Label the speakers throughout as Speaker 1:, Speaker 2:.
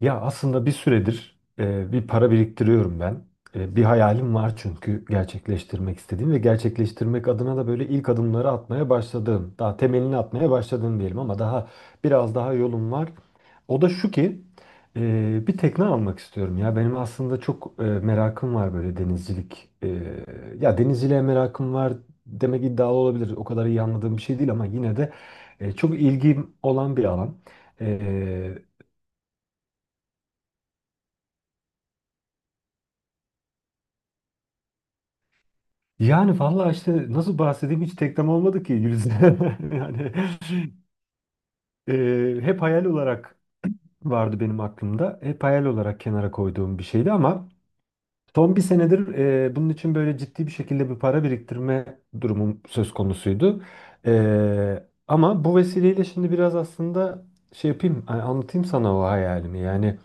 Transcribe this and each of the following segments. Speaker 1: Ya aslında bir süredir bir para biriktiriyorum ben. Bir hayalim var çünkü gerçekleştirmek istediğim ve gerçekleştirmek adına da böyle ilk adımları atmaya başladığım, daha temelini atmaya başladığım diyelim ama daha yolum var. O da şu ki e, bir tekne almak istiyorum ya. Benim aslında çok merakım var böyle denizcilik. Ya denizciliğe merakım var demek iddialı olabilir. O kadar iyi anladığım bir şey değil ama yine de çok ilgim olan bir alan. E, Yani vallahi işte nasıl bahsedeyim hiç teklem olmadı ki Gülizar. Yani Hep hayal olarak vardı benim aklımda. Hep hayal olarak kenara koyduğum bir şeydi ama son bir senedir bunun için böyle ciddi bir şekilde bir para biriktirme durumum söz konusuydu. Ama bu vesileyle şimdi biraz aslında şey yapayım hani anlatayım sana o hayalimi. Yani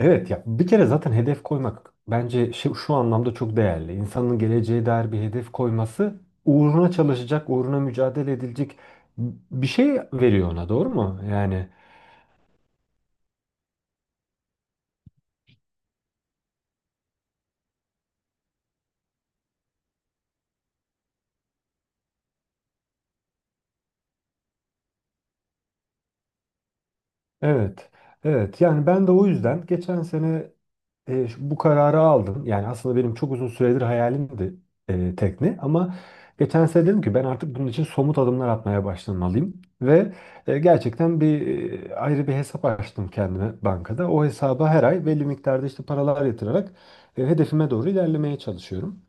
Speaker 1: evet ya bir kere zaten hedef koymak bence şu anlamda çok değerli. İnsanın geleceğe dair bir hedef koyması uğruna çalışacak, uğruna mücadele edilecek bir şey veriyor ona, doğru mu? Yani evet. Evet yani ben de o yüzden geçen sene bu kararı aldım. Yani aslında benim çok uzun süredir hayalimdi tekne ama geçen sene dedim ki ben artık bunun için somut adımlar atmaya başlamalıyım ve gerçekten ayrı bir hesap açtım kendime bankada. O hesaba her ay belli miktarda işte paralar yatırarak hedefime doğru ilerlemeye çalışıyorum.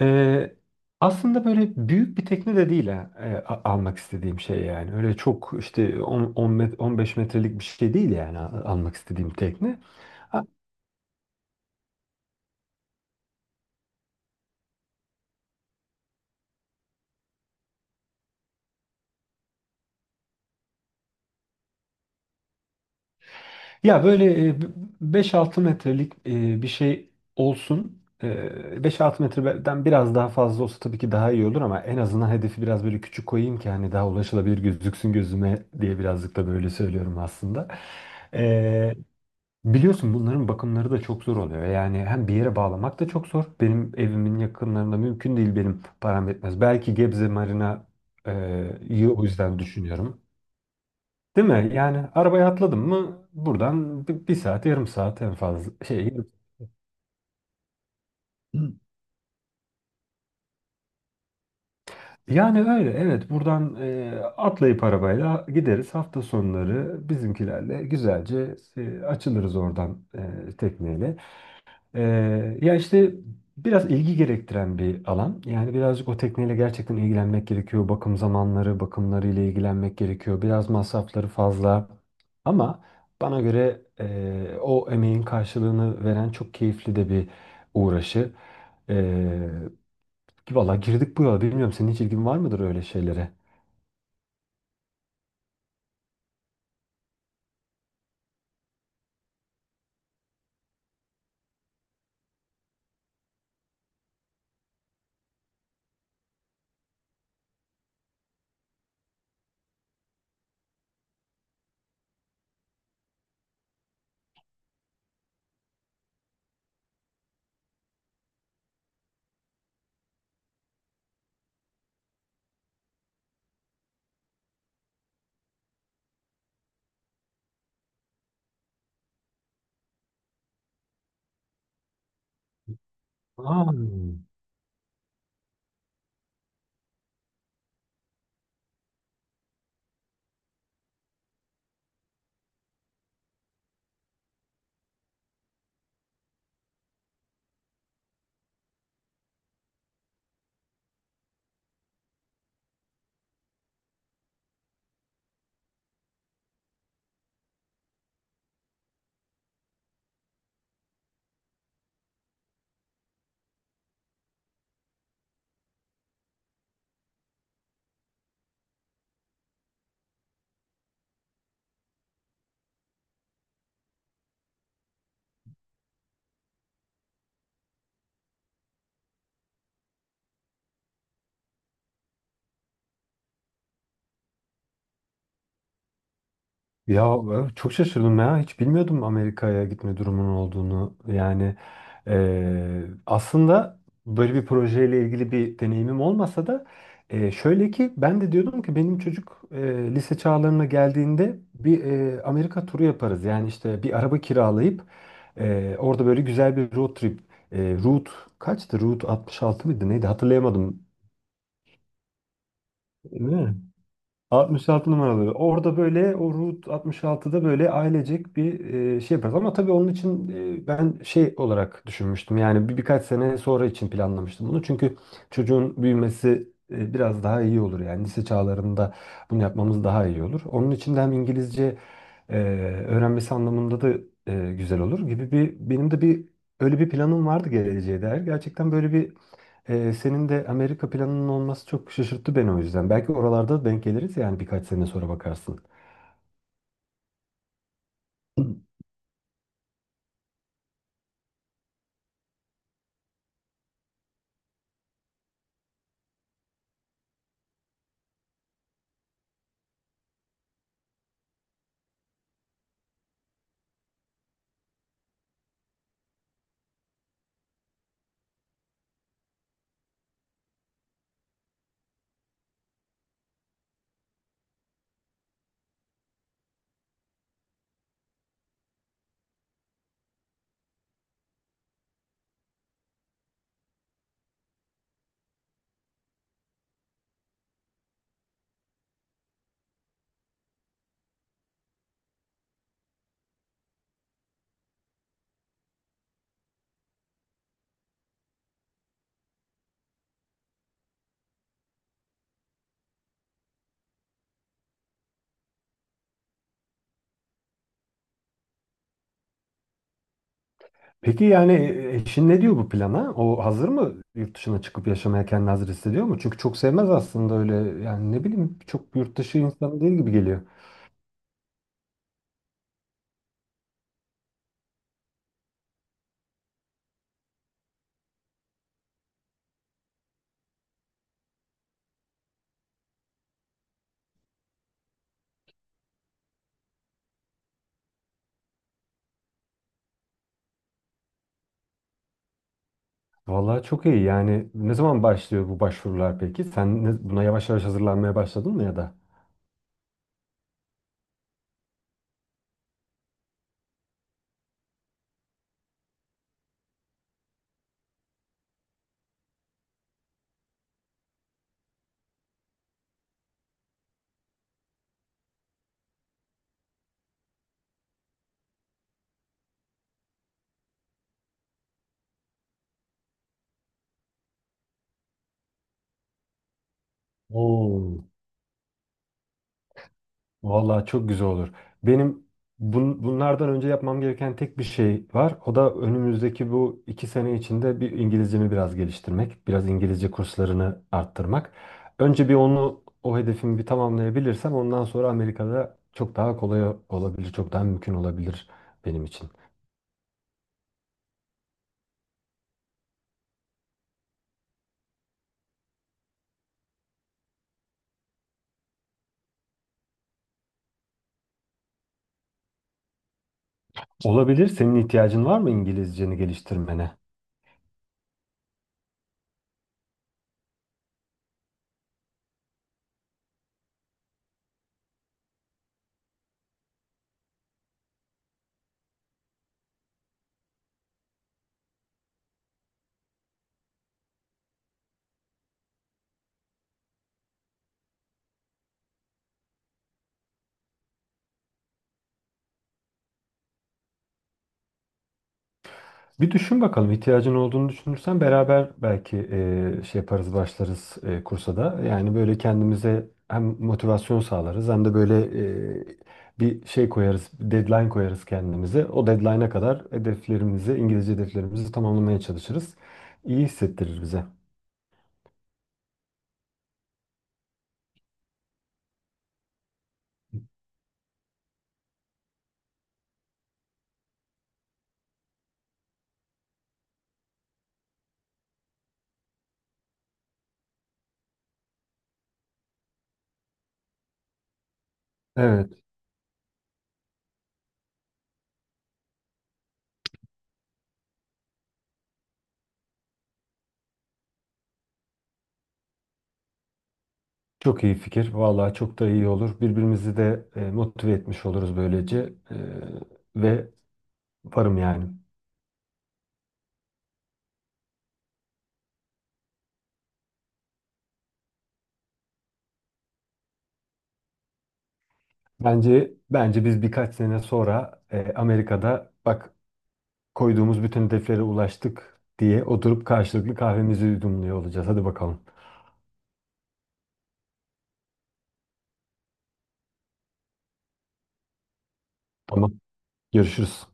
Speaker 1: E, Aslında böyle büyük bir tekne de değil ha, almak istediğim şey yani. Öyle çok işte 10, 15 metrelik bir şey değil yani almak istediğim tekne. Ya böyle e, b- 5 metrelik bir şey olsun. E, 5-6 metreden biraz daha fazla olsa tabii ki daha iyi olur ama en azından hedefi biraz böyle küçük koyayım ki hani daha ulaşılabilir gözüksün gözüme diye birazcık da böyle söylüyorum aslında. E, Biliyorsun bunların bakımları da çok zor oluyor. Yani hem bir yere bağlamak da çok zor. Benim evimin yakınlarında mümkün değil, benim param yetmez. Belki Gebze Marina iyi, o yüzden düşünüyorum. Değil mi? Yani arabaya atladım mı buradan bir saat, yarım saat en fazla Yani öyle, evet, buradan atlayıp arabayla gideriz hafta sonları bizimkilerle güzelce açılırız oradan, tekneyle. Ya işte biraz ilgi gerektiren bir alan. Yani birazcık o tekneyle gerçekten ilgilenmek gerekiyor. Bakım zamanları, bakımları ile ilgilenmek gerekiyor. Biraz masrafları fazla. Ama bana göre o emeğin karşılığını veren çok keyifli de bir uğraşı. Ee, Valla girdik bu yola. Bilmiyorum senin hiç ilgin var mıdır öyle şeylere? Aa, ya çok şaşırdım ya. Hiç bilmiyordum Amerika'ya gitme durumunun olduğunu. Aslında böyle bir projeyle ilgili bir deneyimim olmasa da şöyle ki ben de diyordum ki benim çocuk lise çağlarına geldiğinde bir Amerika turu yaparız. Yani işte bir araba kiralayıp orada böyle güzel bir road trip. E, Route kaçtı? Route 66 mıydı? Neydi? Hatırlayamadım. Değil mi? 66 numaraları. Orada böyle o Route 66'da böyle ailecek bir şey yaparız. Ama tabii onun için ben şey olarak düşünmüştüm. Yani birkaç sene sonra için planlamıştım bunu. Çünkü çocuğun büyümesi biraz daha iyi olur. Yani lise çağlarında bunu yapmamız daha iyi olur. Onun için de hem İngilizce e, öğrenmesi anlamında da güzel olur gibi benim de öyle bir planım vardı geleceğe dair. Gerçekten böyle bir senin de Amerika planının olması çok şaşırttı beni o yüzden. Belki oralarda denk geliriz yani birkaç sene sonra bakarsın. Peki yani eşin ne diyor bu plana? O hazır mı, yurt dışına çıkıp yaşamaya kendini hazır hissediyor mu? Çünkü çok sevmez aslında öyle, yani ne bileyim, çok yurt dışı insanı değil gibi geliyor. Vallahi çok iyi, yani ne zaman başlıyor bu başvurular peki? Sen buna yavaş yavaş hazırlanmaya başladın mı ya da? Oo. Vallahi çok güzel olur. Benim bunlardan önce yapmam gereken tek bir şey var. O da önümüzdeki bu iki sene içinde bir İngilizcemi biraz geliştirmek, biraz İngilizce kurslarını arttırmak. Önce bir onu, o hedefimi bir tamamlayabilirsem ondan sonra Amerika'da çok daha kolay olabilir, çok daha mümkün olabilir benim için. Olabilir. Senin ihtiyacın var mı İngilizceni geliştirmene? Bir düşün bakalım, ihtiyacın olduğunu düşünürsen beraber belki şey yaparız, başlarız kursa da. Yani böyle kendimize hem motivasyon sağlarız hem de böyle e, bir şey koyarız, bir deadline koyarız kendimize. O deadline'a kadar hedeflerimizi, İngilizce hedeflerimizi tamamlamaya çalışırız. İyi hissettirir bize. Evet. Çok iyi fikir. Vallahi çok da iyi olur. Birbirimizi de motive etmiş oluruz böylece. Ve varım yani. Bence biz birkaç sene sonra Amerika'da bak koyduğumuz bütün hedeflere ulaştık diye oturup karşılıklı kahvemizi yudumluyor olacağız. Hadi bakalım. Tamam. Görüşürüz.